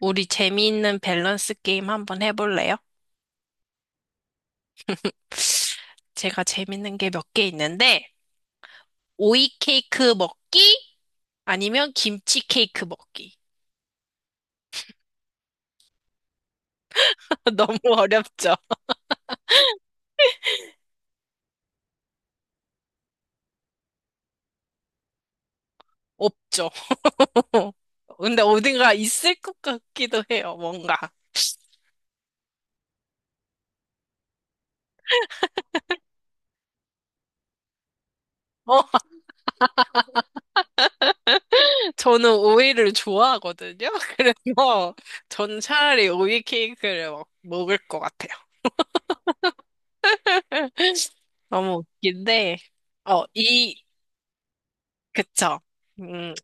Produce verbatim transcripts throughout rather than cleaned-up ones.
우리 재미있는 밸런스 게임 한번 해볼래요? 제가 재밌는 게 몇 개 있는데, 오이 케이크 먹기 아니면 김치 케이크 먹기. 너무 어렵죠? 없죠. 근데 어딘가 있을 것 같기도 해요, 뭔가. 어, 저는 오이를 좋아하거든요. 그래서 전 차라리 오이 케이크를 먹, 을것 같아요. 너무 웃긴데, 어, 이, 그쵸. 음,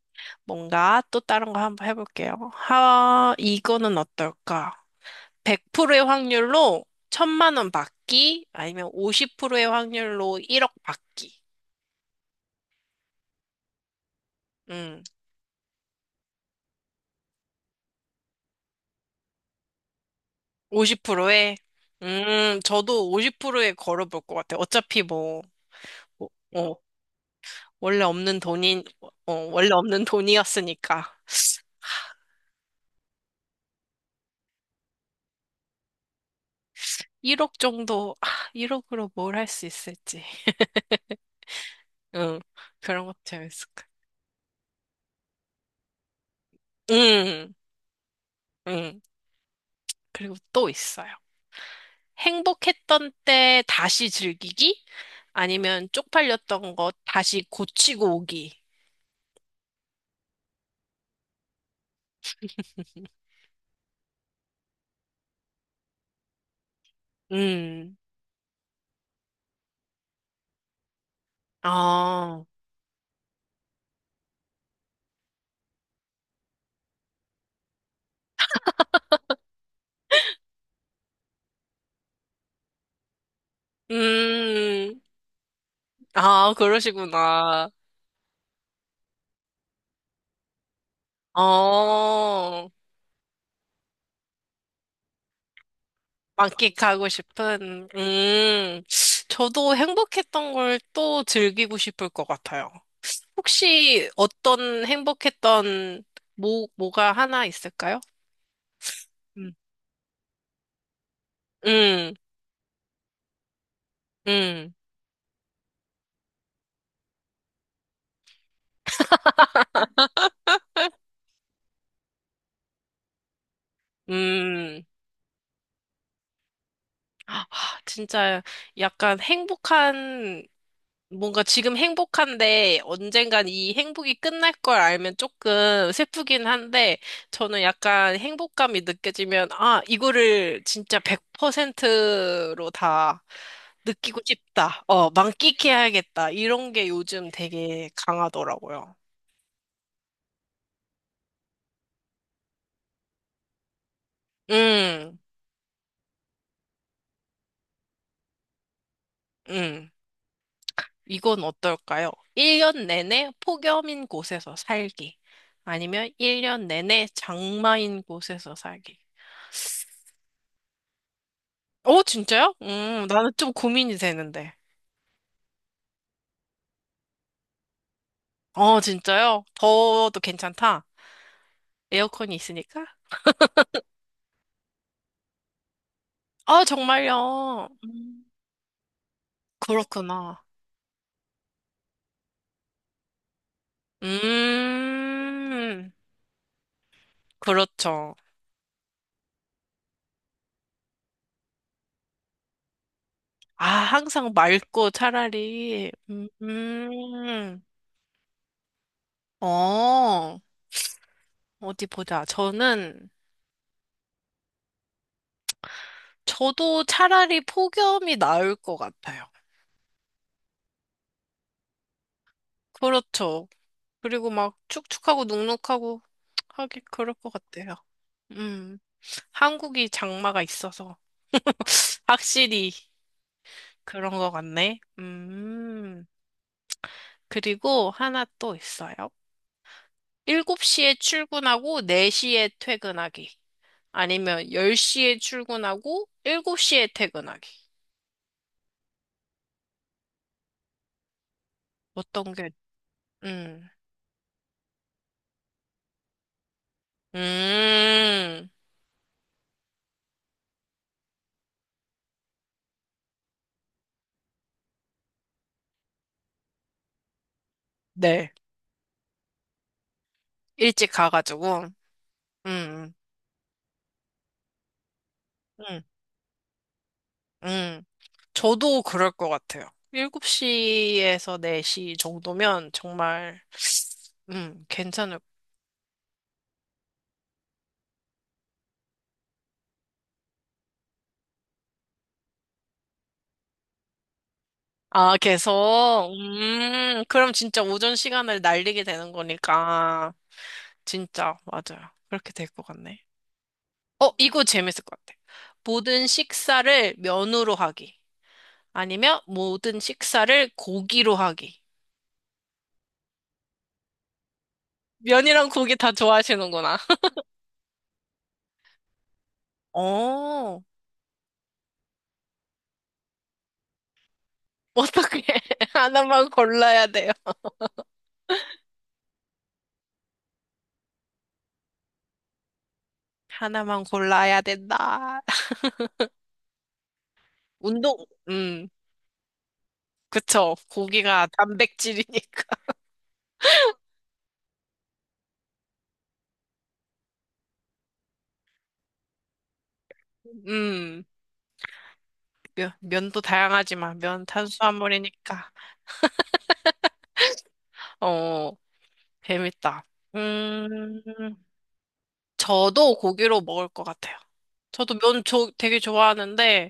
뭔가 또 다른 거 한번 해볼게요. 하, 이거는 어떨까? 백 퍼센트의 확률로 천만 원 받기 아니면 오십 퍼센트의 확률로 일억 받기. 음, 오십 퍼센트에. 음, 저도 오십 퍼센트에 걸어볼 것 같아요. 어차피 뭐, 어, 어, 원래 없는 돈인, 어, 원래 없는 돈이었으니까. 일억 정도, 아, 일억으로 뭘 할 수 있을지. 응, 그런 것도 재밌을 것 같아요. 응, 응. 그리고 또 있어요. 행복했던 때 다시 즐기기? 아니면 쪽팔렸던 거 다시 고치고 오기? 음, 아, 음, 아, 그러시구나. 어, 만끽하고 싶은, 음, 저도 행복했던 걸 또 즐기고 싶을 것 같아요. 혹시 어떤 행복했던 뭐, 뭐가 하나 있을까요? 음. 음. 음. 음. 아, 진짜 약간 행복한, 뭔가 지금 행복한데 언젠간 이 행복이 끝날 걸 알면 조금 슬프긴 한데 저는 약간 행복감이 느껴지면 아, 이거를 진짜 백 퍼센트로 다 느끼고 싶다. 어, 만끽해야겠다. 이런 게 요즘 되게 강하더라고요. 음. 음. 이건 어떨까요? 일 년 내내 폭염인 곳에서 살기. 아니면 일 년 내내 장마인 곳에서 살기. 오, 진짜요? 음, 나는 좀 고민이 되는데. 어, 진짜요? 더워도 괜찮다. 에어컨이 있으니까? 아, 정말요? 음, 그렇구나. 음, 그렇죠. 아, 항상 맑고 차라리, 음, 음. 어, 어디 보자. 저는, 저도 차라리 폭염이 나을 것 같아요. 그렇죠. 그리고 막 축축하고 눅눅하고 하기 그럴 것 같아요. 음, 한국이 장마가 있어서 확실히 그런 것 같네. 음, 그리고 하나 또 있어요. 일곱 시에 출근하고 네 시에 퇴근하기. 아니면 열 시에 출근하고 일곱 시에 퇴근하기. 어떤 게, 음, 음, 네. 일찍 가가지고, 음. 음. 음. 저도 그럴 것 같아요. 일곱 시에서 네 시 정도면 정말, 음, 괜찮을, 아, 계속? 음, 그럼 진짜 오전 시간을 날리게 되는 거니까. 진짜, 맞아요. 그렇게 될 것 같네. 어, 이거 재밌을 것 같아. 모든 식사를 면으로 하기. 아니면 모든 식사를 고기로 하기. 면이랑 고기 다 좋아하시는구나. 어, 어떻게 하나만 골라야 돼요. 하나만 골라야 된다. 운동, 음, 그쵸. 고기가 단백질이니까. 음, 면, 면도 다양하지만, 면 탄수화물이니까. 어, 재밌다. 음, 저도 고기로 먹을 것 같아요. 저도 면 조, 되게 좋아하는데,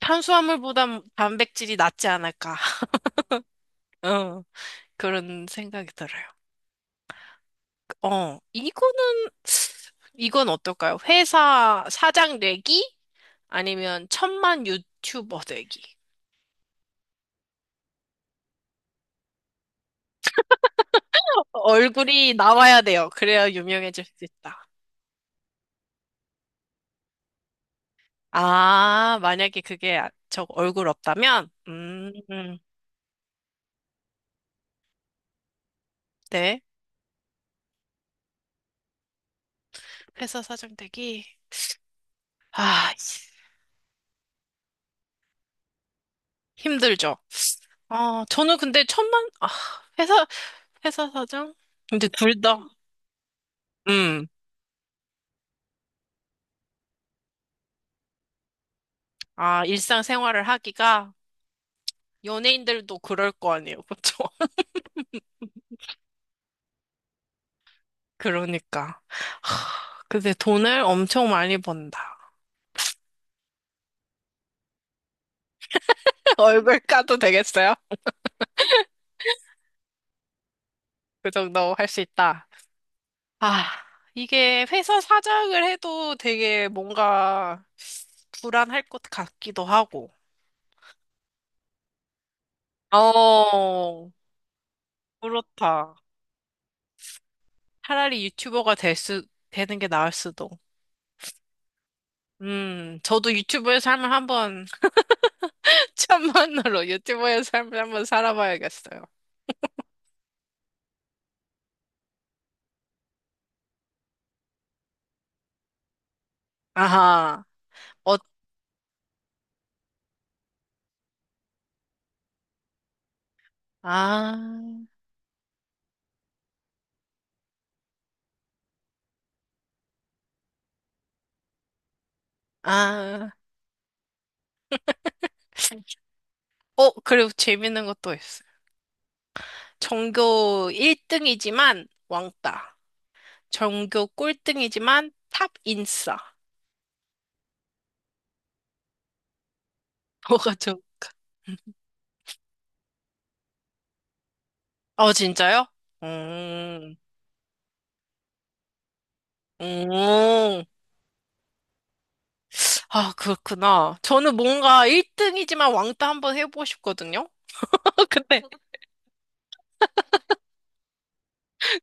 탄수화물보단 단백질이 낫지 않을까. 어, 그런 생각이 들어요. 어, 이거는, 이건 어떨까요? 회사 사장 내기? 아니면 천만 유튜버 되기. 얼굴이 나와야 돼요. 그래야 유명해질 수 있다. 아, 만약에 그게 아- 저 얼굴 없다면? 음, 음, 네. 회사 사장 되기. 아, 씨, 힘들죠. 아, 저는 근데 천만, 아, 회사, 회사 사장? 근데 둘 다, 음, 아, 일상생활을 하기가 연예인들도 그럴 거 아니에요. 그쵸? 그러니까. 하, 근데 돈을 엄청 많이 번다. 얼굴 까도 되겠어요? 그 정도 할 수 있다. 아, 이게 회사 사장을 해도 되게 뭔가 불안할 것 같기도 하고. 어, 그렇다. 차라리 유튜버가 될 수, 되는 게 나을 수도. 음, 저도 유튜버의 삶을 한번, 천만으로 유튜버의 삶을 한번 살아봐야겠어요. 아하, 어, 아, 아. 어, 그리고 재밌는 것도 있어요. 전교 일 등이지만 왕따. 전교 꼴등이지만 탑 인싸. 뭐가 좀, 어, 진짜요? 음. 음. 아, 그렇구나. 저는 뭔가 일 등이지만 왕따 한번 해보고 싶거든요? 근데,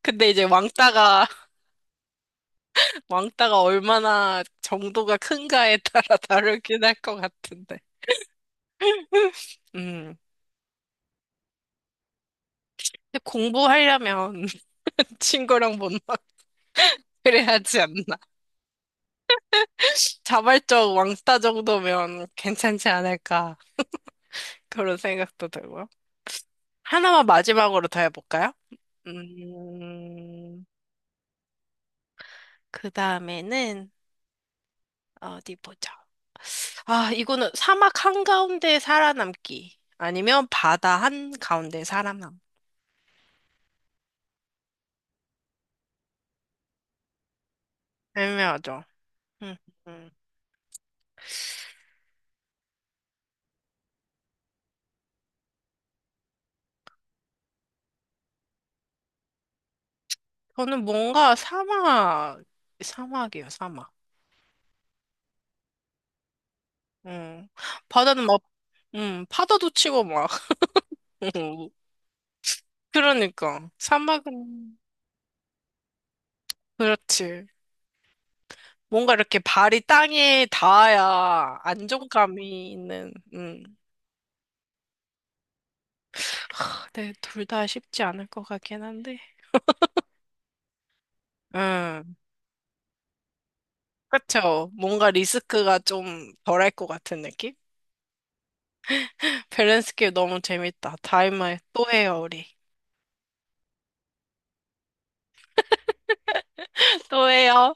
근데 이제 왕따가, 왕따가 얼마나 정도가 큰가에 따라 다르긴 할 것 같은데. 음. 근데 공부하려면 친구랑 못 놀아. 그래야지 않나. 자발적 왕따 정도면 괜찮지 않을까. 그런 생각도 들고요. 하나만 마지막으로 더 해볼까요? 음, 그 다음에는, 어디 보자. 아, 이거는 사막 한가운데 살아남기. 아니면 바다 한가운데 살아남. 애매하죠. 음. 음. 저는 뭔가 사막, 사막이에요, 사막. 음. 바다는 막, 음, 파도도 치고 막. 그러니까. 사막은, 그렇지. 뭔가 이렇게 발이 땅에 닿아야 안정감이 있는, 음. 네, 둘 다 쉽지 않을 것 같긴 한데. 음, 그쵸. 뭔가 리스크가 좀 덜할 것 같은 느낌? 밸런스 게임 너무 재밌다. 다음에 또 해요, 우리. 또 해요.